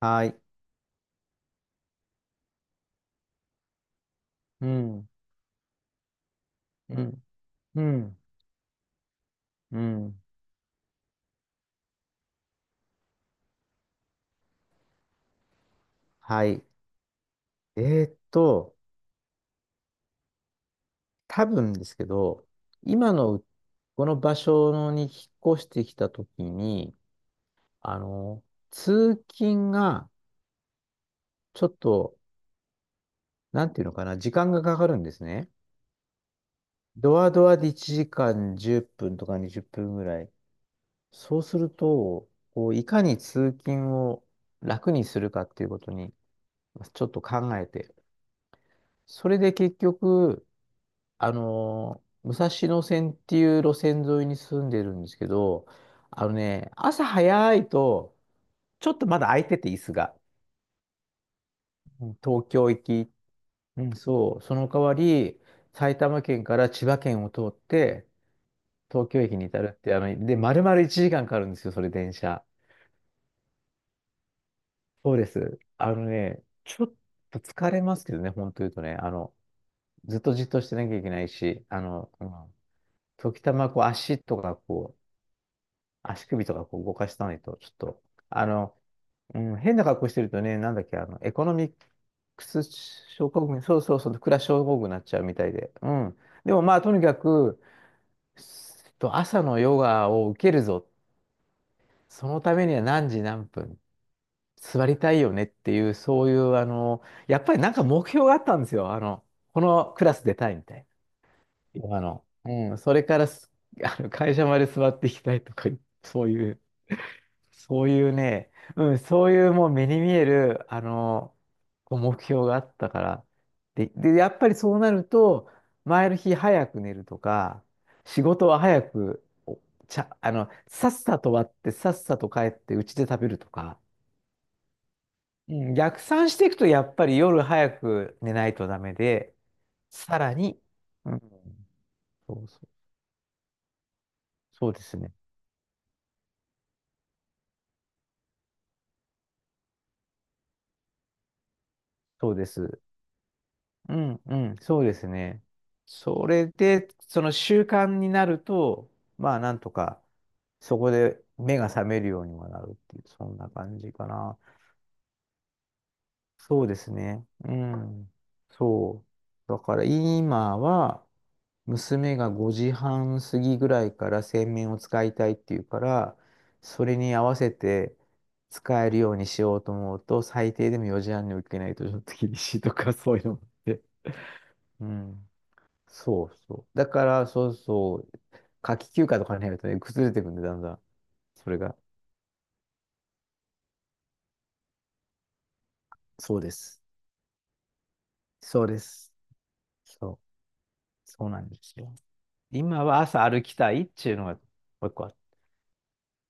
はい。うん、うん、うん、うん。はい。えーっと、多分ですけど、今のうこの場所に引っ越してきたときに、あの、通勤がちょっと、なんていうのかな、時間がかかるんですね。ドアドアで1時間10分とか20分ぐらい。そうすると、こういかに通勤を楽にするかっていうことに、ちょっと考えて、それで結局、武蔵野線っていう路線沿いに住んでるんですけど、あのね、朝早いと、ちょっとまだ空いてて、椅子が。うん、東京行き。うん。そう、その代わり、埼玉県から千葉県を通って、東京駅に至るって、丸々1時間かんかかるんですよ、それ電車。そうです。あのね、ちょっと疲れますけどね、本当言うとね、ずっとじっとしてなきゃいけないし、時たま足首とかこう動かしたないと、ちょっと、あの、うん、変な格好してるとね、なんだっけ、あの、エコノミックス症候群、そうそうそう、クラス症候群になっちゃうみたいで。うん。でもまあ、とにかく、朝のヨガを受けるぞ。そのためには何時何分座りたいよねっていう、そういう、やっぱりなんか目標があったんですよ。あの、このクラス出たいみたいな。ヨガの。うん。それからす、あの、会社まで座っていきたいとか、そういう。そういうね、うん、そういうもう目に見える、あの、こう目標があったから。で、やっぱりそうなると、前の日早く寝るとか、仕事は早く、おちゃ、あの、さっさと終わって、さっさと帰って家で食べるとか、うん、逆算していくと、やっぱり夜早く寝ないとダメで、さらに、うん、そうそう、そうですね。そうです。うん、うん、そうですね。それで、その習慣になると、まあ、なんとか、そこで目が覚めるようにもなるっていう、そんな感じかな。そうですね。うん。そう。だから、今は、娘が5時半過ぎぐらいから洗面を使いたいっていうから、それに合わせて使えるようにしようと思うと、最低でも4時半に起きないとちょっと厳しいとか、そういうのもあって。うん。そうそう。だから、そうそう、夏季休暇とかに入るとね、崩れてくんで、だんだん、それが。そうです。そうです。そう、そうなんですよ。今は朝歩きたいっていうのがもう一個あっ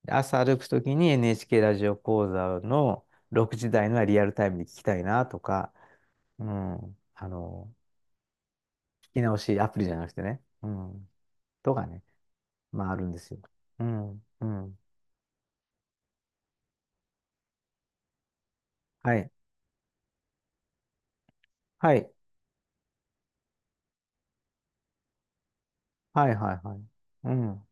て、朝歩くときに NHK ラジオ講座の6時台のはリアルタイムで聞きたいなとか、うん、あの、聞き直しアプリじゃなくてね、うん、とかね、まああるんですよ。うん、うん。はい、はい、はい、はい、はい。うん。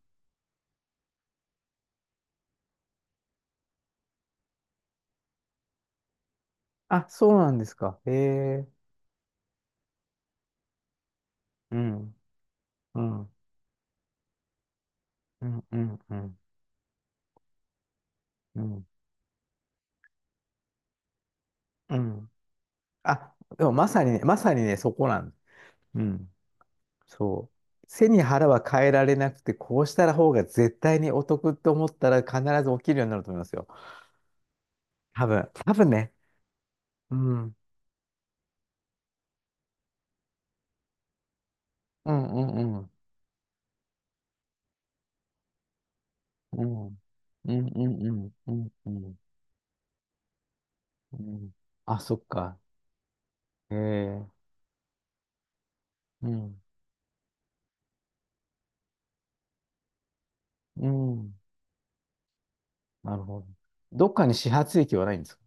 あ、そうなんですか。へえ。うん、うん、うん、うん、うん、うん。うんあ、でもまさにね、まさにね、そこなんうん、そう。背に腹は変えられなくて、こうしたら方が絶対にお得って思ったら必ず起きるようになると思いますよ。多分、多分ね。うん、うん、うん、うん、うん、うん、うん、うん、うん、うん。うんあ、そっか。ええ、うん、うん、なるほど。どっかに始発駅はないんですか？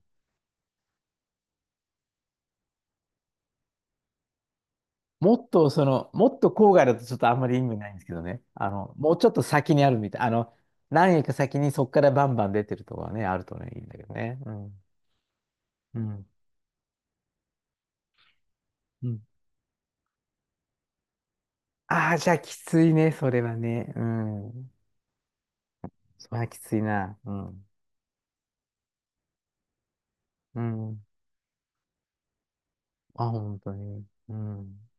もっとその、もっと郊外だとちょっとあんまり意味ないんですけどね。あの、もうちょっと先にあるみたい。あの、何駅か先にそこからバンバン出てるとこはね、あるとね、いいんだけどね。うん。うん。うん。ああ、じゃあきついね、それはね。うん。それはきついな。うん。うん。あ、本当に。うん。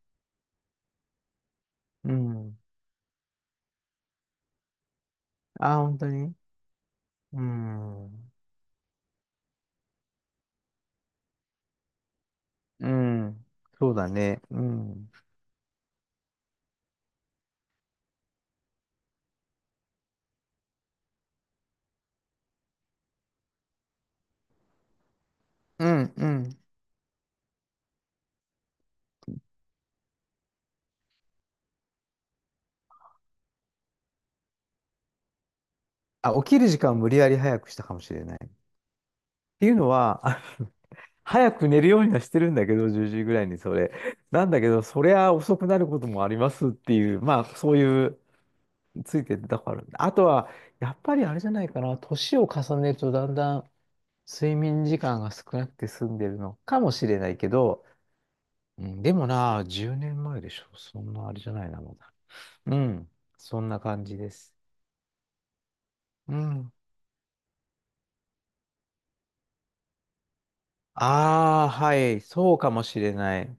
うん。あ、本当に。うん。うん。そうだね。うん。うん。うん。あ、起きる時間を無理やり早くしたかもしれない。っていうのは、あ、早く寝るようにはしてるんだけど、10時ぐらいにそれ。なんだけど、そりゃ遅くなることもありますっていう、まあ、そういう、ついてたから。あとは、やっぱりあれじゃないかな、年を重ねるとだんだん睡眠時間が少なくて済んでるのかもしれないけど、うん、でもな、10年前でしょ。そんなあれじゃないな、まだ。うん、そんな感じです。うん。ああ、はい、そうかもしれない。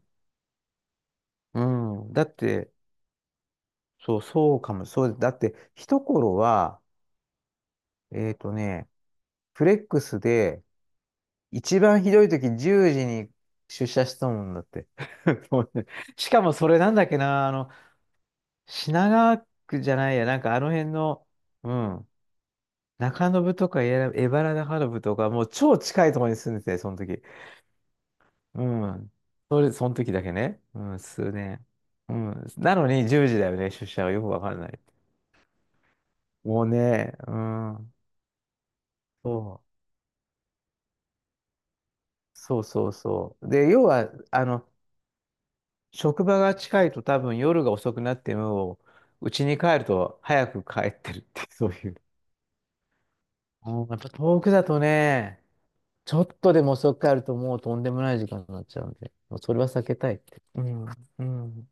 うん、だって、そう、そうかも、そう、だって、一頃は、えっとね、フレックスで、一番ひどい時10時に出社したもんだって。もうね、しかもそれなんだっけな、あの、品川区じゃないや、なんかあの辺の、うん、中延とか江原中延とか、もう超近いところに住んでて、その時。うん。それ、その時だけね。うん、数年。うん。なのに10時だよね、出社はよくわかんない。もうね、うん。そう。そう。で、要は、あの、職場が近いと多分夜が遅くなっても、うちに帰ると早く帰ってるって、そういう。うん、やっぱ遠くだとね、ちょっとでも遅く帰るともうとんでもない時間になっちゃうんで、もうそれは避けたいって。うん、うん。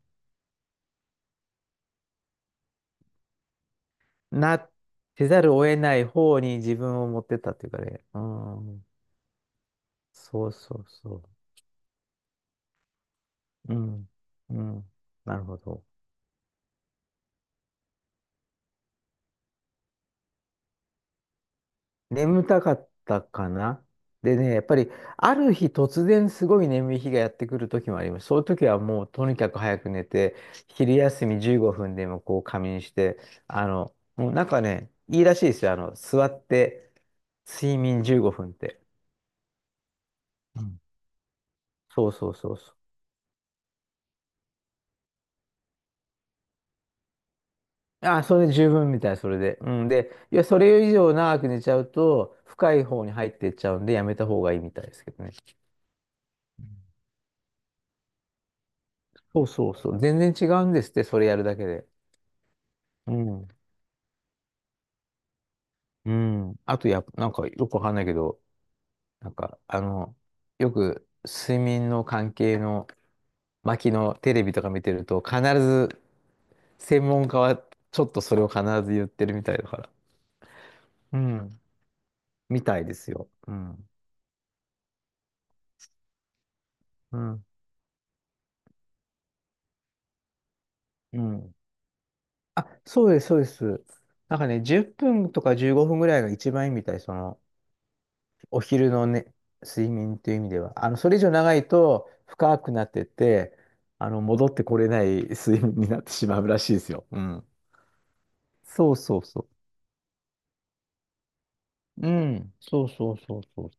なってざるを得ない方に自分を持ってったっていうかね。うん。そうそうそう。うん。うん。なるほど。眠たかったかな。でね、やっぱりある日突然すごい眠い日がやってくる時もあります。そういう時はもうとにかく早く寝て、昼休み15分でもこう仮眠して、あの、もうなんかね、いいらしいですよ。あの、座って睡眠15分って。うん、そうそうそうそう。あ、それで十分みたい、それで。うん。で、いや、それ以上長く寝ちゃうと、深い方に入っていっちゃうんで、やめた方がいいみたいですけどね。うん、そうそうそう。全然違うんですって、それやるだけで。うん。うん。あと、やっぱ、なんかよくわかんないけど、なんか、あの、よく睡眠の関係の巻のテレビとか見てると、必ず専門家はちょっとそれを必ず言ってるみたいだから。うん。みたいですよ。うん。うん。うん。あ、そうです、そうです。なんかね、10分とか15分ぐらいが一番いいみたい、その、お昼のね、睡眠という意味では。あの、それ以上長いと深くなってって、あの、戻ってこれない 睡眠になってしまうらしいですよ。うん。そうそうそう。うん、そうそうそうそう。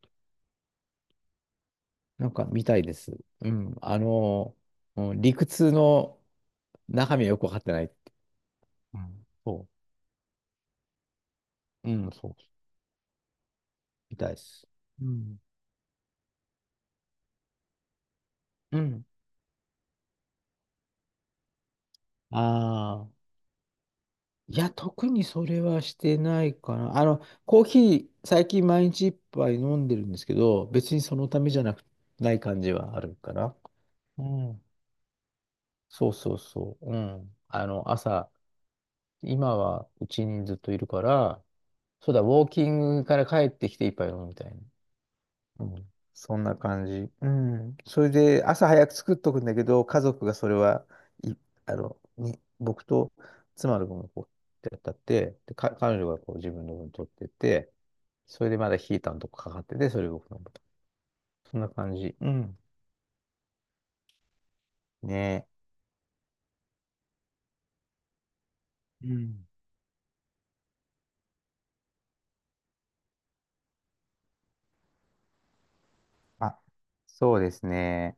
なんか見たいです。うん、あのうん、理屈の中身はよくわかってない。うん、そう、うん、そう、みたいです。うん、うん。ああ。いや、特にそれはしてないかな。あの、コーヒー、最近毎日一杯飲んでるんですけど、別にそのためじゃなく、ない感じはあるかな。うん。そうそうそう。うん。あの、朝、今はうちにずっといるから、そうだ、ウォーキングから帰ってきて一杯飲むみたいな。うん、そんな感じ。うん。それで、朝早く作っとくんだけど、家族がそれは、い、あの、に、僕と妻の分をこう、やったって、で、か、彼女がこう自分の分取ってて、それでまだヒーターのとこかかってて、それ僕の分と。そんな感じ。うん。ねえ。うん。あ、そうですね。